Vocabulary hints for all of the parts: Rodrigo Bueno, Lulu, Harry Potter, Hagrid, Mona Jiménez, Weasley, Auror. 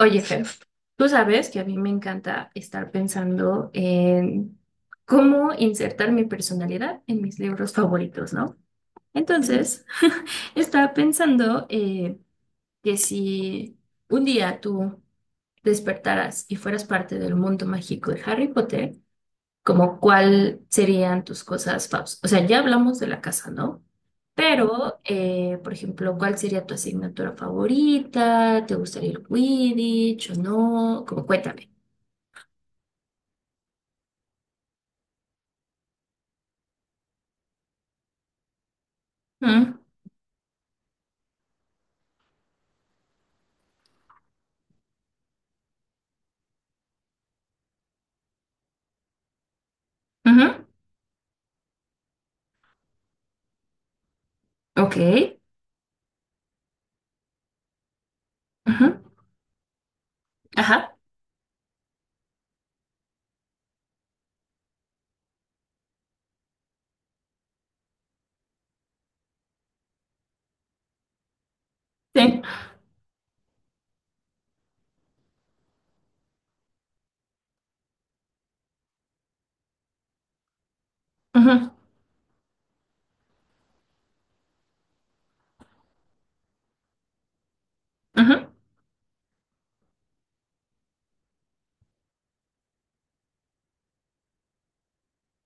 Oye, Fer, tú sabes que a mí me encanta estar pensando en cómo insertar mi personalidad en mis libros favoritos, ¿no? Entonces, estaba pensando que si un día tú despertaras y fueras parte del mundo mágico de Harry Potter, como cuál serían tus cosas favoritas. O sea, ya hablamos de la casa, ¿no? Pero, por ejemplo, ¿cuál sería tu asignatura favorita? ¿Te gustaría el Quidditch o no? Como cuéntame. Mm, ujú, ok. Ujú, ajá. Sí. Ujú, ujú.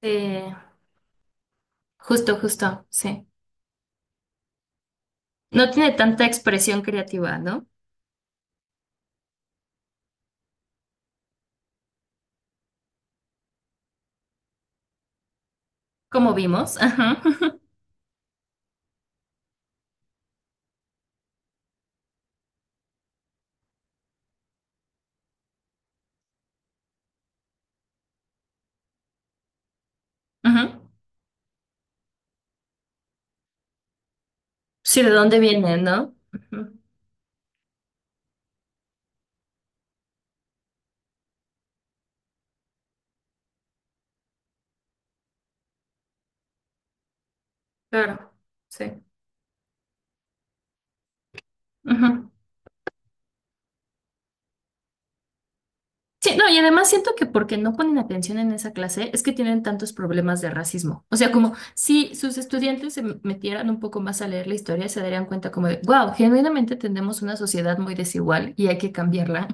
Eh, justo, justo, sí. No tiene tanta expresión creativa, ¿no? Como vimos. Ajá. Ujú. Sí, ¿de dónde viene, no? Ujú, claro. Sí. Ujú. Sí, no, y además siento que porque no ponen atención en esa clase es que tienen tantos problemas de racismo. O sea, como si sus estudiantes se metieran un poco más a leer la historia, se darían cuenta como de, wow, genuinamente tenemos una sociedad muy desigual y hay que cambiarla.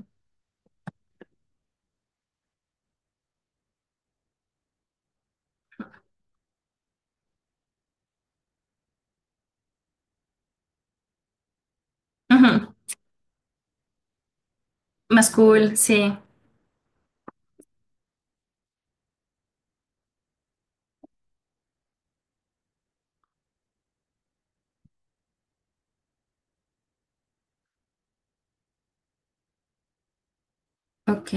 Ujú, más cool, sí. Ok.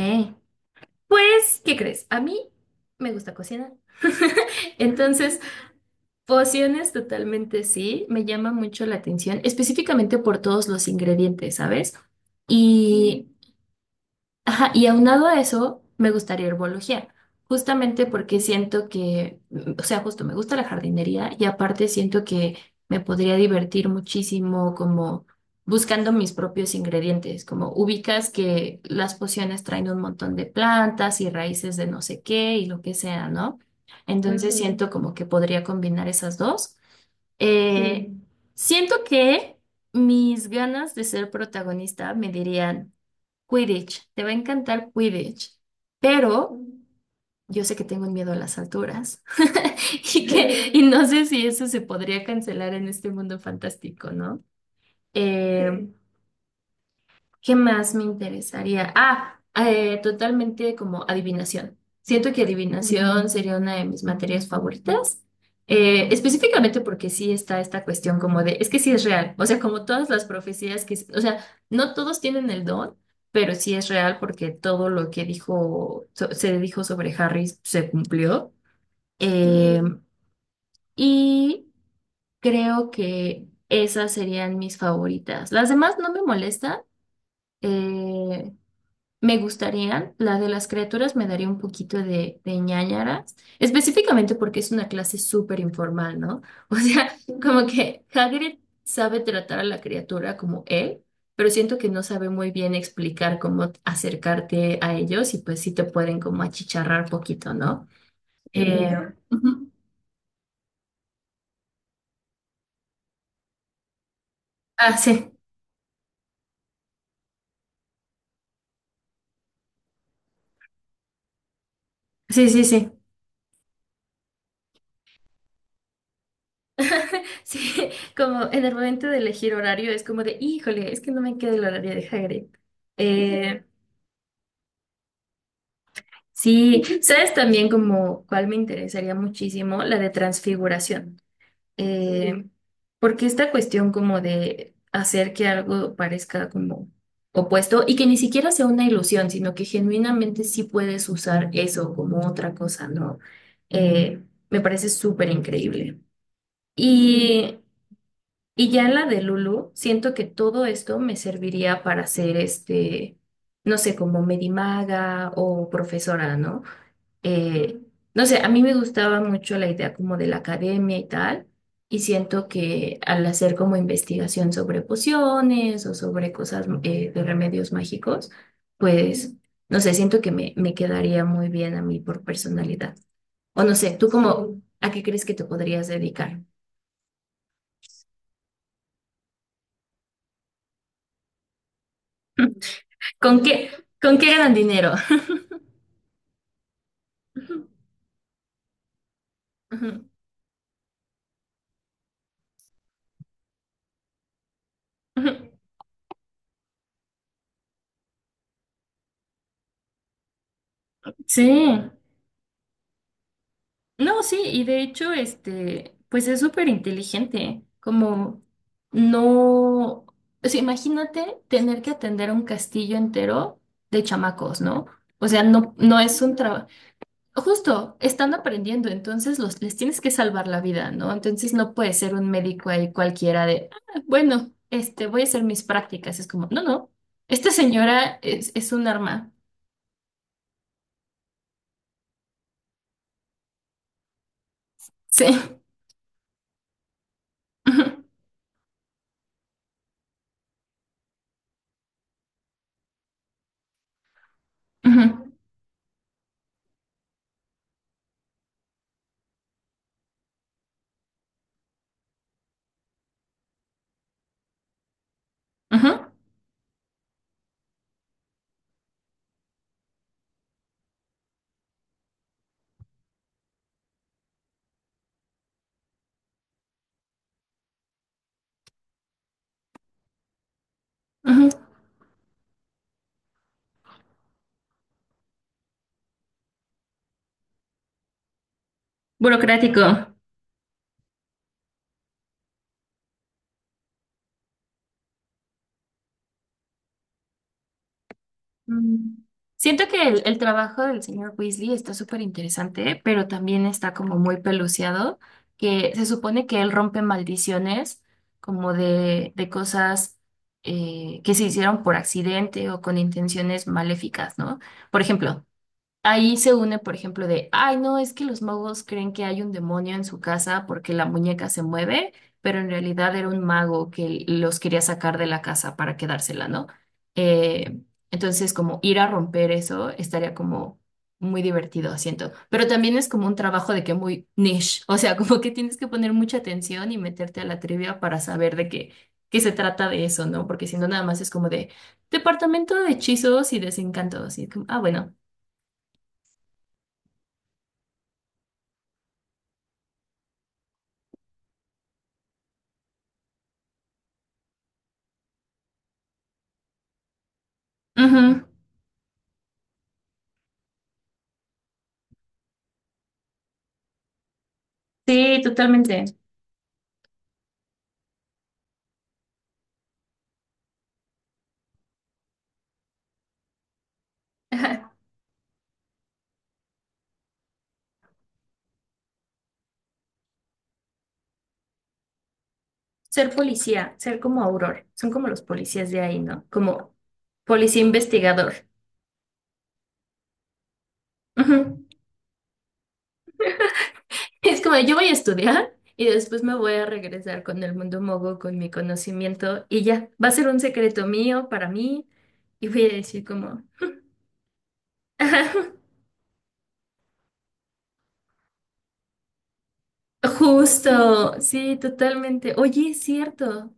Pues, ¿qué crees? A mí me gusta cocinar. Entonces, pociones totalmente sí, me llama mucho la atención, específicamente por todos los ingredientes, ¿sabes? Y ajá, y aunado a eso, me gustaría herbología, justamente porque siento que, mm, o sea, justo me gusta la jardinería y aparte siento que me podría divertir muchísimo como buscando mis propios ingredientes, como ubicas que las pociones traen un montón de plantas y raíces de no sé qué y lo que sea, ¿no? Entonces siento como que podría combinar esas dos. Eh, siento que mis ganas de ser protagonista me dirían… Quidditch, te va a encantar Quidditch, pero yo sé que tengo miedo a las alturas y no sé si eso se podría cancelar en este mundo fantástico, ¿no? Eh, ¿Qué más me interesaría? Ah, totalmente como adivinación. Siento que adivinación sería una de mis materias favoritas, específicamente porque sí está esta cuestión como de, es que sí es real, o sea, como todas las profecías que, o sea, no todos tienen el don, pero sí es real porque todo lo que dijo, se dijo sobre Harry se cumplió. Eh, y creo que esas serían mis favoritas. Las demás no me molestan. eh, me gustarían, la de las criaturas me daría un poquito de ñáñaras, específicamente porque es una clase súper informal, ¿no? O sea, como que Hagrid sabe tratar a la criatura como él, pero siento que no sabe muy bien explicar cómo acercarte a ellos y pues sí te pueden como achicharrar poquito, ¿no? Eh, ujú. Ah, sí. Sí, sí, sí. Sí, como en el momento de elegir horario es como de, híjole, es que no me queda el horario de Hagrid. Eh, Sí, ¿sabes también como cuál me interesaría muchísimo? La de transfiguración. Eh, porque esta cuestión como de hacer que algo parezca como opuesto y que ni siquiera sea una ilusión, sino que genuinamente sí puedes usar eso como otra cosa, ¿no? Eh, me parece súper increíble. Y, y ya en la de Lulu, siento que todo esto me serviría para ser este, no sé, como medimaga o profesora, ¿no? Eh, no sé, a mí me gustaba mucho la idea como de la academia y tal, y siento que al hacer como investigación sobre pociones o sobre cosas de remedios mágicos, pues, no sé, siento que me quedaría muy bien a mí por personalidad. O no sé, ¿tú como a qué crees que te podrías dedicar? ¿Con qué, ¿con qué ganan dinero? Ujú, ujú, ujú. Sí. No, sí, y de hecho, este, pues es súper inteligente, como no, o sea, imagínate tener que atender un castillo entero de chamacos, ¿no? O sea, no es un trabajo, justo, están aprendiendo, entonces les tienes que salvar la vida, ¿no? Entonces no puede ser un médico ahí cualquiera de, "Ah, bueno, este, voy a hacer mis prácticas, es como, no, no, esta señora es un arma, sí. Ujú, ujú, ujú, ujú. Burocrático. Mm. Siento que el trabajo del señor Weasley está súper interesante, pero también está como muy peluciado, que se supone que él rompe maldiciones como de cosas que se hicieron por accidente o con intenciones maléficas, ¿no? Por ejemplo, ahí se une, por ejemplo, de, ay, no, es que los magos creen que hay un demonio en su casa porque la muñeca se mueve, pero en realidad era un mago que los quería sacar de la casa para quedársela, ¿no? Eh, entonces, como ir a romper eso estaría como muy divertido, siento. Pero también es como un trabajo de que muy niche, o sea, como que tienes que poner mucha atención y meterte a la trivia para saber de qué, qué se trata de eso, ¿no? Porque si no, nada más es como de departamento de hechizos y desencantos, y es como, ah, bueno. Ujú. Sí, totalmente. Ajá. Ser policía, ser como Auror, son como los policías de ahí, ¿no? Como policía investigador. Ujú. Es como yo voy a estudiar y después me voy a regresar con el mundo mogo, con mi conocimiento y ya, va a ser un secreto mío para mí y voy a decir como, ajá, justo, sí, totalmente. Oye, es cierto,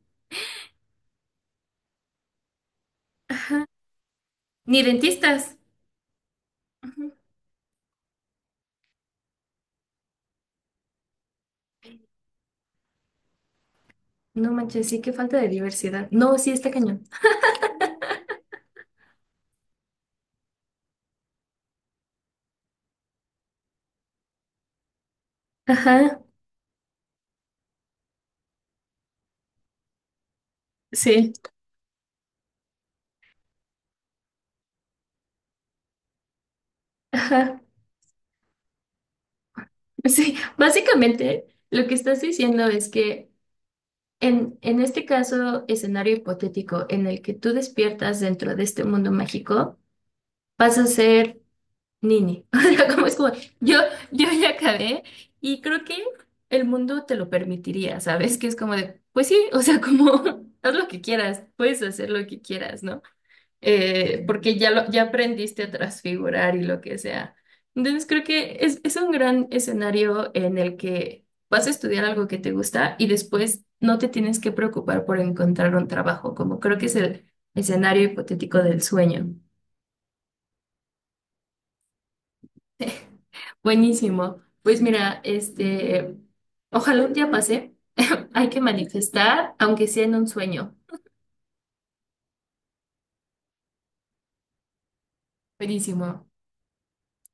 ni dentistas. Ujú. No manches, sí, qué falta de diversidad. No, sí, está cañón. Ajá, sí, ajá. Sí, básicamente lo que estás diciendo es que en este caso, escenario hipotético en el que tú despiertas dentro de este mundo mágico, vas a ser Nini. O sea, como es como, yo, yo ya acabé y creo que el mundo te lo permitiría, ¿sabes? Que es como de, pues sí, o sea, como haz lo que quieras, puedes hacer lo que quieras, ¿no? Porque ya, ya aprendiste a transfigurar y lo que sea. Entonces creo que es un gran escenario en el que vas a estudiar algo que te gusta y después no te tienes que preocupar por encontrar un trabajo, como creo que es el escenario hipotético del sueño. Buenísimo. Pues mira, este, ojalá un día pase. Hay que manifestar, aunque sea en un sueño. Buenísimo.